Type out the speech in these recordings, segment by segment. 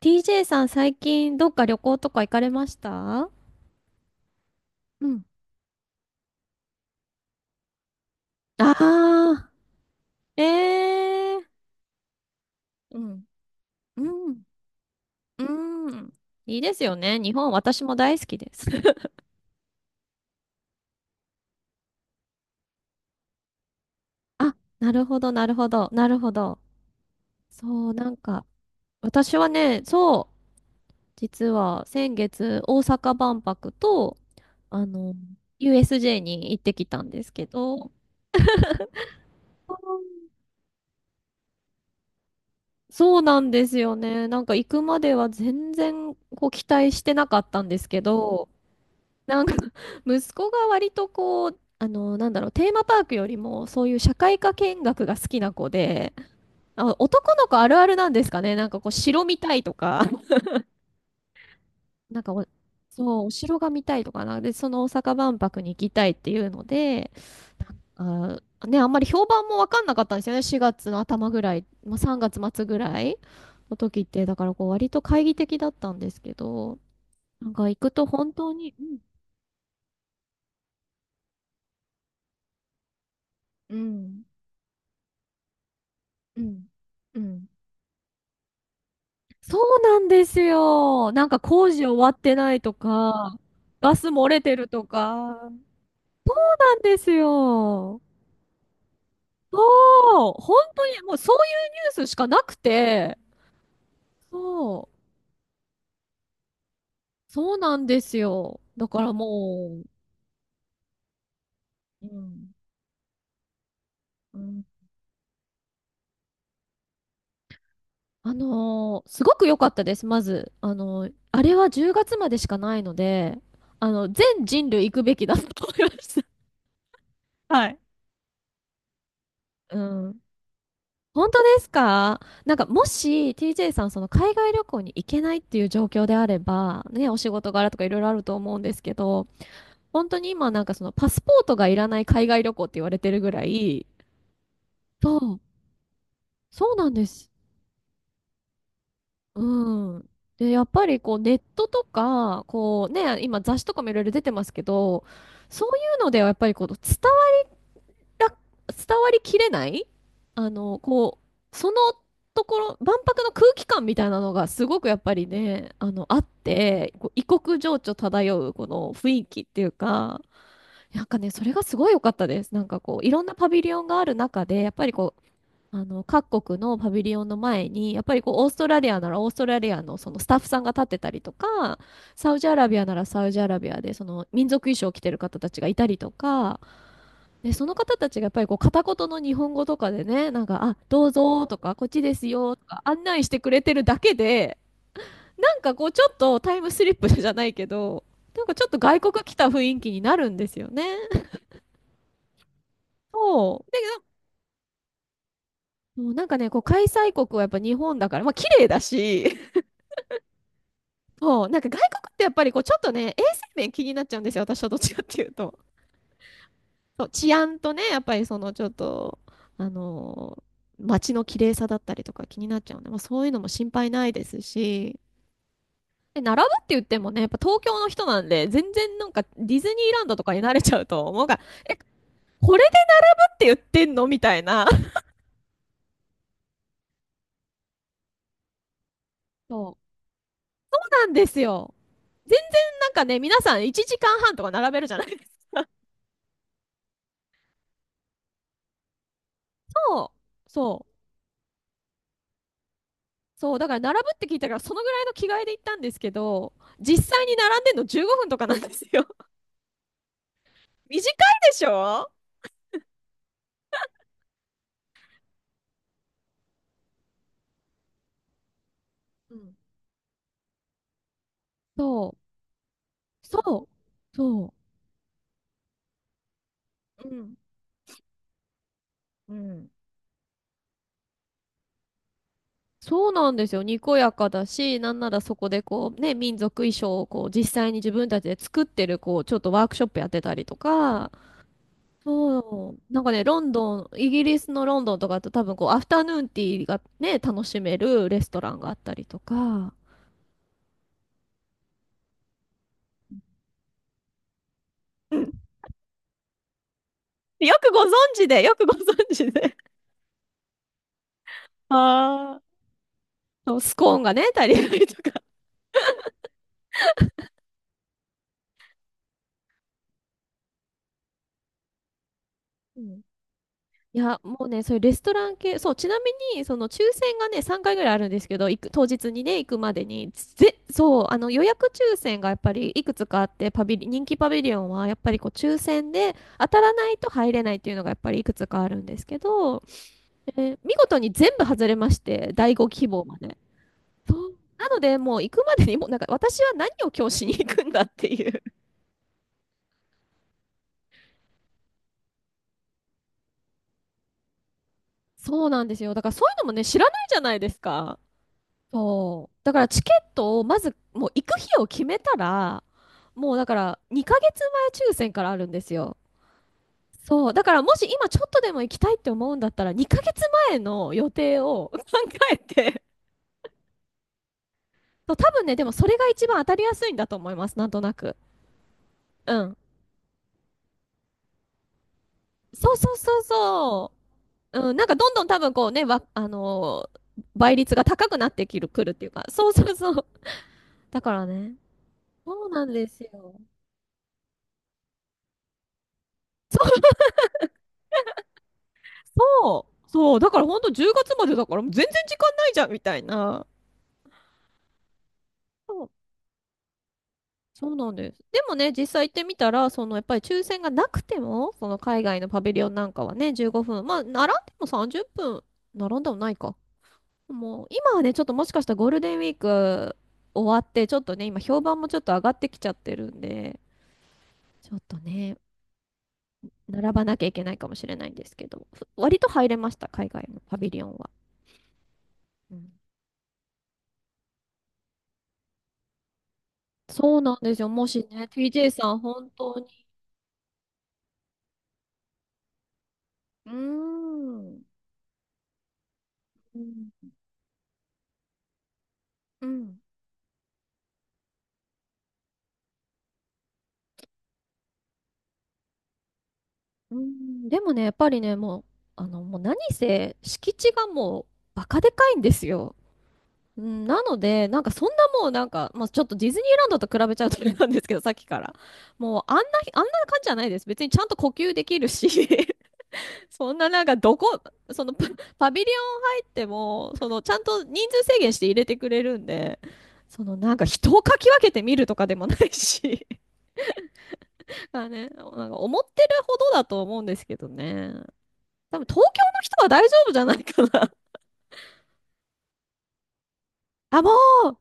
TJ さん、最近どっか旅行とか行かれました？うん、あー、ええうん、うん、うん。いいですよね。日本、私も大好きです。あ、なるほど、なるほど、なるほど。そう、なんか、私はね、そう、実は先月、大阪万博と、あの、USJ に行ってきたんですけど、そうなんですよね。なんか行くまでは全然こう期待してなかったんですけど、なんか 息子が割とこう、なんだろう、テーマパークよりもそういう社会科見学が好きな子で、あ、男の子あるあるなんですかね。なんかこう、城見たいとか、なんかお、そう、お城が見たいとかな。で、その大阪万博に行きたいっていうので、なんか、ね、あんまり評判もわかんなかったんですよね。4月の頭ぐらい、まあ、3月末ぐらいの時って、だからこう、割と懐疑的だったんですけど、なんか行くと本当に、うん、うん、うん、うん。そうなんですよ。なんか工事終わってないとか、ガス漏れてるとか。なんですよ。そう、本当にもうそういうニュースしかなくて、そう、そうなんですよ。だからもう、うん、うん、すごく良かったです、まず。あれは10月までしかないので、全人類行くべきだと思いました。はい。うん。本当ですか？なんかもし TJ さんその海外旅行に行けないっていう状況であれば、ね、お仕事柄とかいろいろあると思うんですけど、本当に今なんかそのパスポートがいらない海外旅行って言われてるぐらい、そう、そうなんです。うん。で、やっぱりこうネットとか、こうね、今雑誌とかもいろいろ出てますけど、そういうのではやっぱりこうら伝わりきれないこう、そのところ、万博の空気感みたいなのがすごくやっぱりね、あって、こう異国情緒漂うこの雰囲気っていうか、なんかね、それがすごい良かったです。なんかこう、いろんなパビリオンがある中で、やっぱりこう、各国のパビリオンの前に、やっぱりこう、オーストラリアならオーストラリアのそのスタッフさんが立ってたりとか、サウジアラビアならサウジアラビアで、その民族衣装を着てる方たちがいたりとか、で、その方たちがやっぱりこう片言の日本語とかでね、なんか、あ、どうぞとか、こっちですよとか案内してくれてるだけで、なんかこうちょっとタイムスリップじゃないけど、なんかちょっと外国来た雰囲気になるんですよね。そう。だけど、もうなんかね、こう開催国はやっぱ日本だから、まあ綺麗だし、そう、なんか外国ってやっぱりこうちょっとね、衛生面気になっちゃうんですよ、私はどっちかっていうと。そう治安とね、やっぱりそのちょっと、あのー街の綺麗さだったりとか気になっちゃうので、まあ、そういうのも心配ないですし、で、並ぶって言ってもね、やっぱ東京の人なんで、全然なんかディズニーランドとかに慣れちゃうと思うから、え、これでって言ってんのみたいな。そうなんですよ。全然なんかね、皆さん1時間半とか並べるじゃないですか。そう、そう、そう、だから並ぶって聞いたから、そのぐらいの着替えで行ったんですけど、実際に並んでんの15分とかなんですよ。短いでしょ？うん。そう、そう、そう。うん。うん。そうなんですよ。にこやかだし、なんならそこでこうね、民族衣装をこう実際に自分たちで作ってるこう、ちょっとワークショップやってたりとか、そう、なんかね、ロンドン、イギリスのロンドンとかだと多分こう、アフタヌーンティーがね、楽しめるレストランがあったりとか、うん。よくご存知で、よくご存知で。ああ。そうスコーンがね、足りないとか。いや、もうね、そういうレストラン系、そう、ちなみに、その抽選がね、3回ぐらいあるんですけど、当日にね、行くまでに、そう、予約抽選がやっぱりいくつかあって、パビリ、人気パビリオンはやっぱりこう抽選で当たらないと入れないっていうのがやっぱりいくつかあるんですけど、見事に全部外れまして、第5希望まで。そう。なので、もう行くまでにもうなんか私は何を今日しに行くんだっていう。そうなんですよ。だからそういうのもね、知らないじゃないですか。そう。だからチケットをまずもう行く日を決めたら、もうだから2ヶ月前抽選からあるんですよ。そう。だからもし今ちょっとでも行きたいって思うんだったら2ヶ月前の予定を 考えて。そう、多分ね、でもそれが一番当たりやすいんだと思います。なんとなく。うん。そうそうそうそう。うん。なんかどんどん多分こうね、倍率が高くなってくるっていうか。そうそうそう。だからね。そうなんですよ。そう、そう、だから本当10月までだからもう全然時間ないじゃんみたいな。そう、そうなんです。でもね、実際行ってみたら、そのやっぱり抽選がなくても、その海外のパビリオンなんかはね、15分、まあ、並んでも30分、並んでもないか。もう、今はね、ちょっともしかしたらゴールデンウィーク終わって、ちょっとね、今評判もちょっと上がってきちゃってるんで、ちょっとね、並ばなきゃいけないかもしれないんですけど、割と入れました、海外のパビリオンは。うん。そうなんですよ。もしね、TJ さん、本当に。うーん、うん、うん、うん、でもね、やっぱりね、もう、もう何せ、敷地がもう、バカでかいんですよ。うん、なので、なんかそんなもうなんか、まあ、ちょっとディズニーランドと比べちゃうとあれなんですけど、さっきから。もうあんな感じじゃないです。別にちゃんと呼吸できるし。そんななんかどこ、そのパ、パビリオン入っても、そのちゃんと人数制限して入れてくれるんで、そのなんか人をかき分けて見るとかでもないし、まあね、なんか思ってるほどだと思うんですけどね。多分東京の人は大丈夫じゃないかな。あ、もう、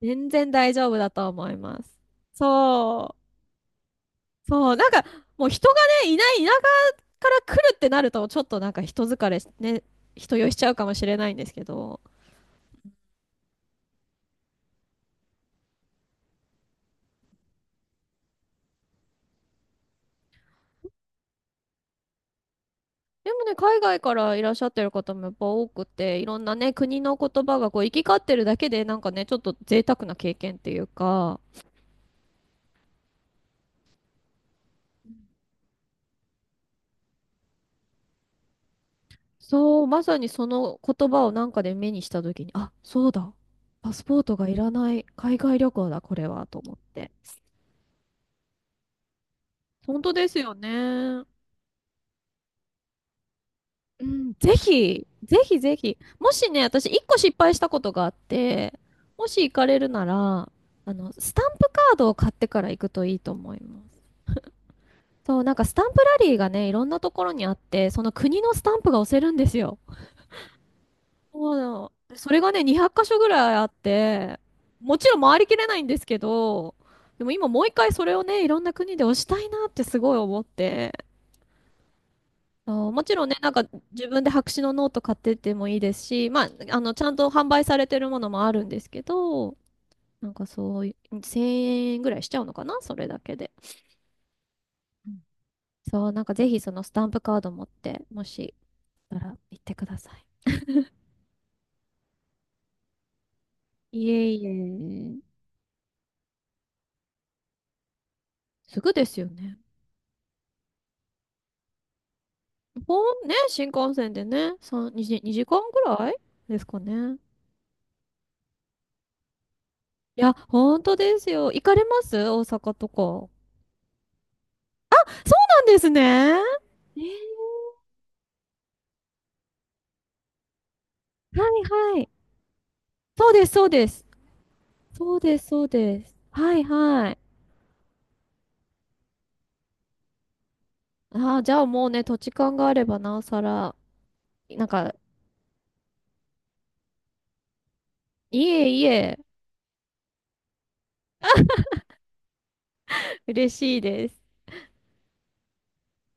全然大丈夫だと思います。そう、そう、なんかもう人がね、いない田舎から来るってなると、ちょっとなんか人疲れし、ね、人酔いしちゃうかもしれないんですけど、でもね、海外からいらっしゃってる方もやっぱ多くて、いろんなね、国の言葉がこう行き交ってるだけで、なんかね、ちょっと贅沢な経験っていうか、そう、まさにその言葉をなんかで目にした時に、あ、そうだ、パスポートがいらない海外旅行だ、これは、と思って。本当ですよね。うん、ぜひ、ぜひぜひ。もしね、私、一個失敗したことがあって、もし行かれるなら、スタンプカードを買ってから行くといいと思います。そう、なんかスタンプラリーがね、いろんなところにあって、その国のスタンプが押せるんですよ。そうなのでそれがね、200箇所ぐらいあって、もちろん回りきれないんですけど、でも今もう一回それをね、いろんな国で押したいなってすごい思って、そうもちろんね、なんか自分で白紙のノート買ってってもいいですし、まあ、ちゃんと販売されてるものもあるんですけど、なんかそうい1000円ぐらいしちゃうのかな、それだけで。うん。そう、なんかぜひそのスタンプカード持って、もしたら行ってください。いえいえ。すぐですよね。ほんね、新幹線でね、3、2、2時間ぐらいですかね。いや、本当ですよ。行かれます？大阪とか。そうなんですね。えー、はいはい。そうです、そうです。そうです、そうです。はいはい。ああ、じゃあもうね、土地勘があればなおさら、なんか、いえいえ、嬉しいです。